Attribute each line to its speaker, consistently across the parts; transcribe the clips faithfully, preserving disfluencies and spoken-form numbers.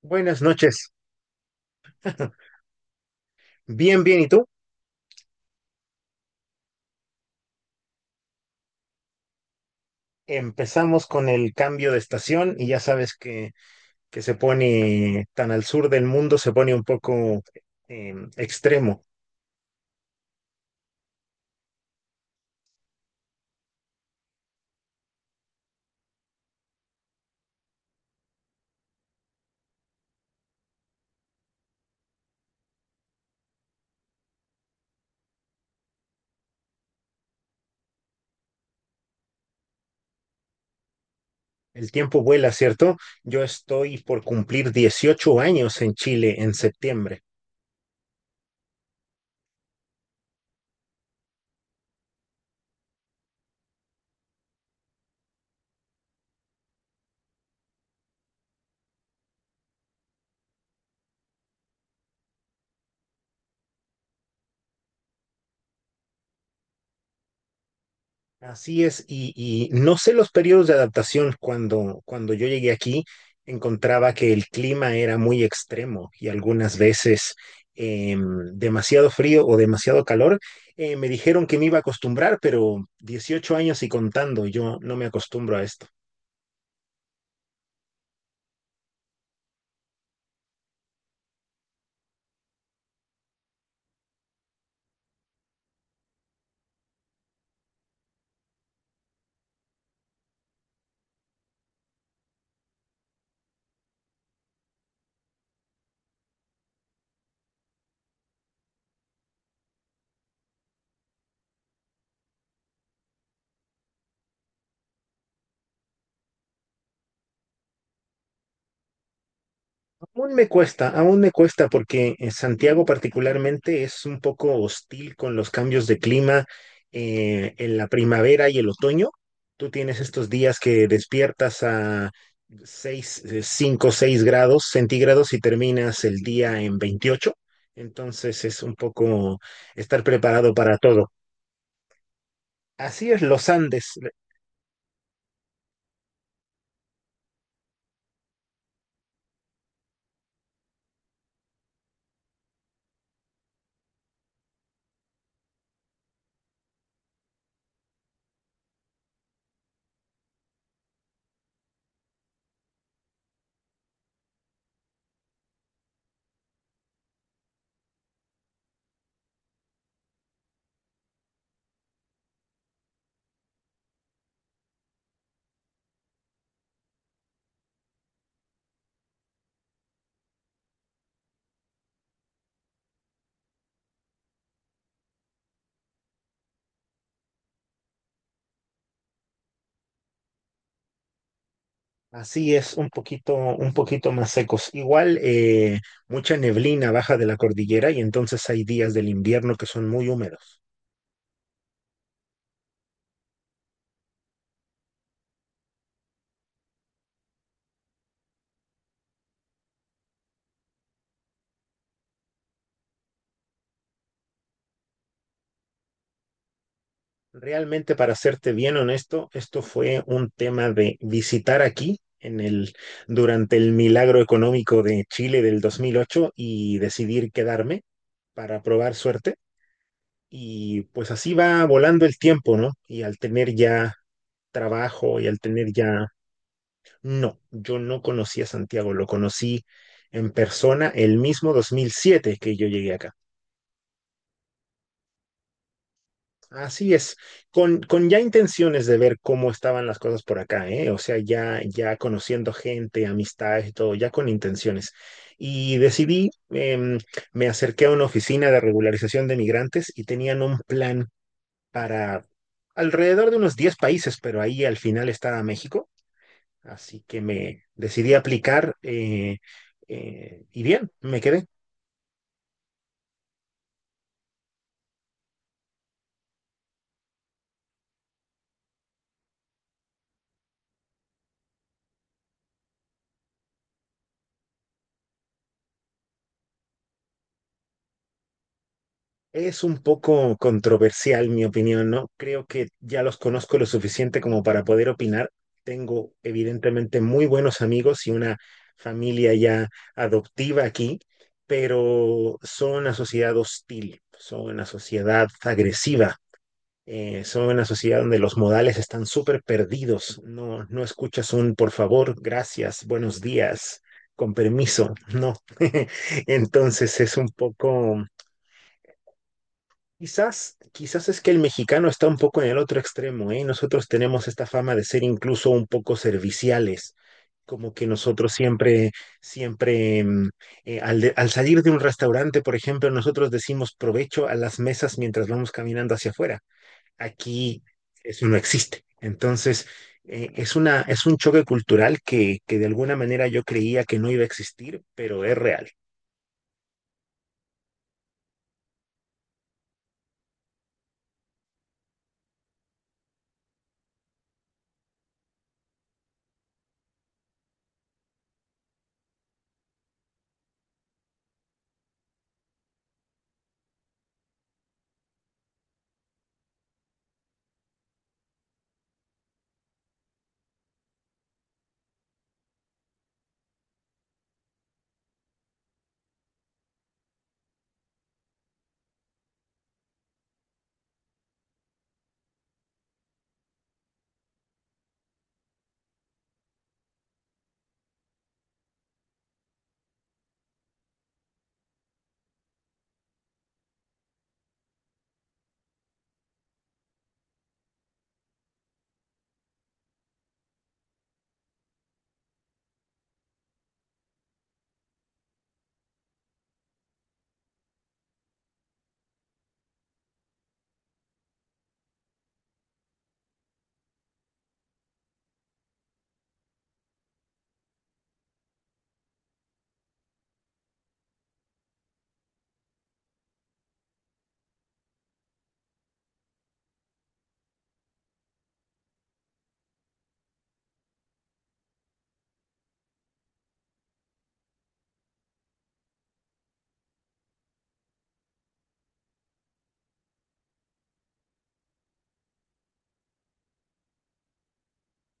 Speaker 1: Buenas noches. Bien, bien. ¿Y tú? Empezamos con el cambio de estación y ya sabes que, que se pone tan al sur del mundo, se pone un poco eh, extremo. El tiempo vuela, ¿cierto? Yo estoy por cumplir dieciocho años en Chile en septiembre. Así es, y, y no sé los periodos de adaptación. Cuando, cuando yo llegué aquí, encontraba que el clima era muy extremo y algunas veces em, demasiado frío o demasiado calor. Eh, me dijeron que me iba a acostumbrar, pero dieciocho años y contando, yo no me acostumbro a esto. Aún me cuesta, aún me cuesta porque eh, Santiago particularmente es un poco hostil con los cambios de clima eh, en la primavera y el otoño. Tú tienes estos días que despiertas a seis, eh, cinco, seis grados centígrados y terminas el día en veintiocho. Entonces es un poco estar preparado para todo. Así es los Andes. Así es, un poquito, un poquito más secos. Igual, eh, mucha neblina baja de la cordillera y entonces hay días del invierno que son muy húmedos. Realmente, para serte bien honesto, esto fue un tema de visitar aquí en el, durante el milagro económico de Chile del dos mil ocho y decidir quedarme para probar suerte. Y pues así va volando el tiempo, ¿no? Y al tener ya trabajo y al tener ya... No, yo no conocí a Santiago, lo conocí en persona el mismo dos mil siete que yo llegué acá. Así es, con, con ya intenciones de ver cómo estaban las cosas por acá, ¿eh? O sea, ya, ya conociendo gente, amistades y todo, ya con intenciones. Y decidí, em, me acerqué a una oficina de regularización de migrantes y tenían un plan para alrededor de unos diez países, pero ahí al final estaba México. Así que me decidí aplicar eh, eh, y bien, me quedé. Es un poco controversial mi opinión, ¿no? Creo que ya los conozco lo suficiente como para poder opinar. Tengo evidentemente muy buenos amigos y una familia ya adoptiva aquí, pero son una sociedad hostil, son una sociedad agresiva. Eh, son una sociedad donde los modales están súper perdidos. No, no escuchas un por favor, gracias, buenos días, con permiso. No. Entonces es un poco, quizás, quizás es que el mexicano está un poco en el otro extremo, ¿eh? Nosotros tenemos esta fama de ser incluso un poco serviciales, como que nosotros siempre, siempre, mm, eh, al, de- al salir de un restaurante, por ejemplo, nosotros decimos provecho a las mesas mientras vamos caminando hacia afuera. Aquí eso no existe. Entonces, eh, es una, es un choque cultural que, que de alguna manera yo creía que no iba a existir, pero es real.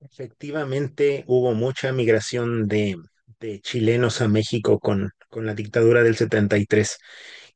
Speaker 1: Efectivamente, hubo mucha migración de, de chilenos a México con, con la dictadura del setenta y tres.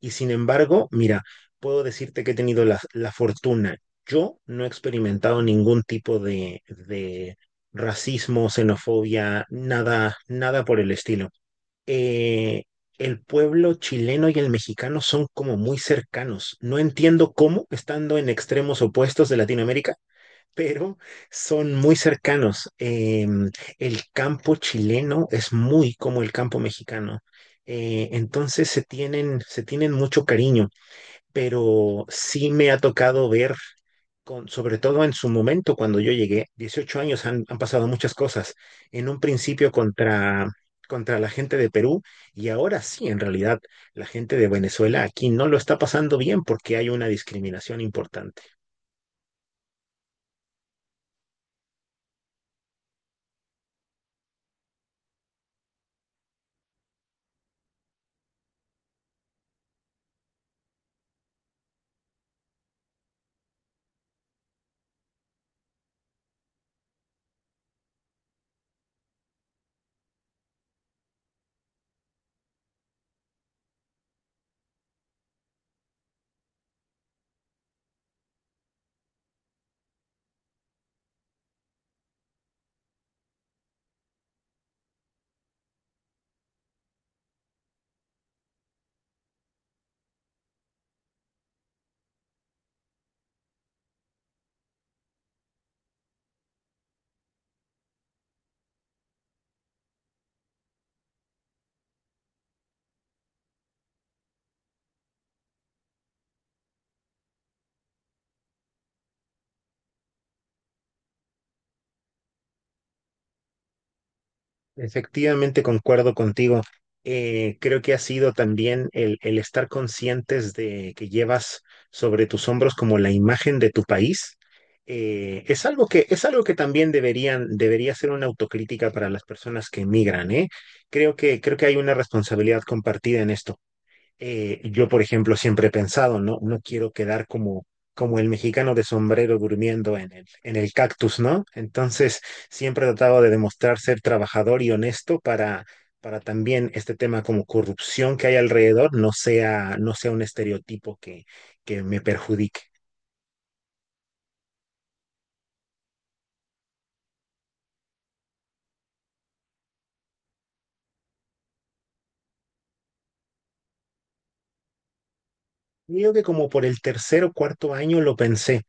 Speaker 1: Y sin embargo, mira, puedo decirte que he tenido la, la fortuna. Yo no he experimentado ningún tipo de, de racismo, xenofobia, nada, nada por el estilo. eh, el pueblo chileno y el mexicano son como muy cercanos. No entiendo cómo, estando en extremos opuestos de Latinoamérica, pero son muy cercanos. Eh, el campo chileno es muy como el campo mexicano. Eh, entonces se tienen, se tienen mucho cariño, pero sí me ha tocado ver, con, sobre todo en su momento cuando yo llegué, dieciocho años han, han pasado muchas cosas, en un principio contra, contra la gente de Perú y ahora sí, en realidad, la gente de Venezuela aquí no lo está pasando bien porque hay una discriminación importante. Efectivamente, concuerdo contigo. Eh, creo que ha sido también el, el estar conscientes de que llevas sobre tus hombros como la imagen de tu país. Eh, es algo que, es algo que también deberían, debería ser una autocrítica para las personas que emigran, ¿eh? Creo que, creo que hay una responsabilidad compartida en esto. Eh, yo, por ejemplo, siempre he pensado, no, no quiero quedar como, como el mexicano de sombrero durmiendo en el, en el cactus, ¿no? Entonces, siempre he tratado de demostrar ser trabajador y honesto para, para también este tema como corrupción que hay alrededor no sea, no sea un estereotipo que, que me perjudique. Creo que como por el tercer o cuarto año lo pensé,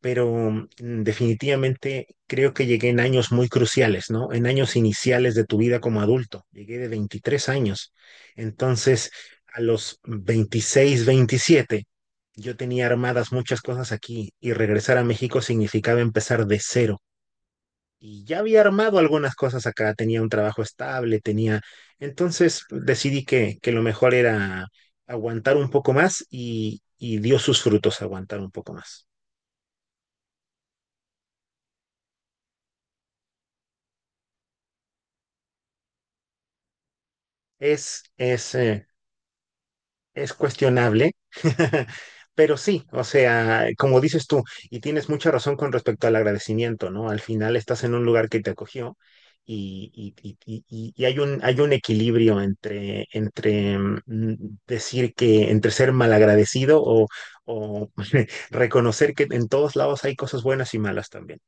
Speaker 1: pero mm, definitivamente creo que llegué en años muy cruciales, ¿no? En años iniciales de tu vida como adulto. Llegué de veintitrés años. Entonces, a los veintiséis, veintisiete yo tenía armadas muchas cosas aquí y regresar a México significaba empezar de cero y ya había armado algunas cosas acá, tenía un trabajo estable, tenía... Entonces pues, decidí que, que lo mejor era aguantar un poco más y, y dio sus frutos aguantar un poco más. Es, es eh, es cuestionable, pero sí, o sea, como dices tú, y tienes mucha razón con respecto al agradecimiento, ¿no? Al final estás en un lugar que te acogió y, y- y- y- y y hay un, hay un equilibrio entre, entre mm, decir que, entre ser malagradecido o, o reconocer que en todos lados hay cosas buenas y malas también.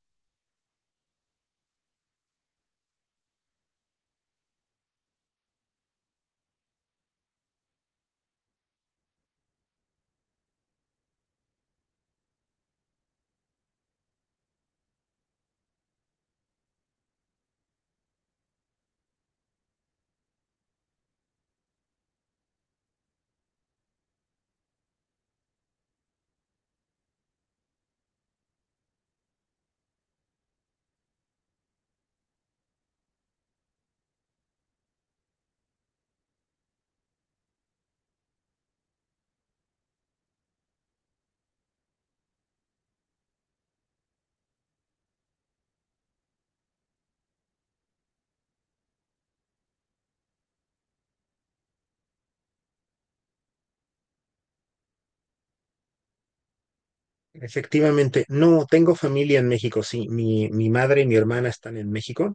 Speaker 1: Efectivamente, no, tengo familia en México, sí, mi, mi madre y mi hermana están en México.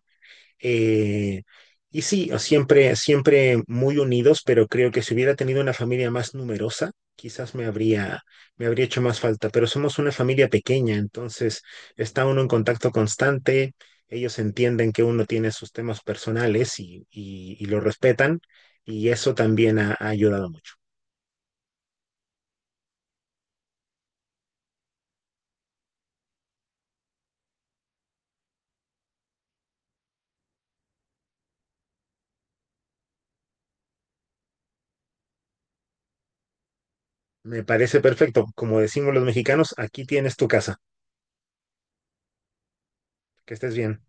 Speaker 1: Eh, y sí, siempre, siempre muy unidos, pero creo que si hubiera tenido una familia más numerosa, quizás me habría, me habría hecho más falta. Pero somos una familia pequeña, entonces está uno en contacto constante, ellos entienden que uno tiene sus temas personales y, y, y lo respetan, y eso también ha, ha ayudado mucho. Me parece perfecto. Como decimos los mexicanos, aquí tienes tu casa. Que estés bien.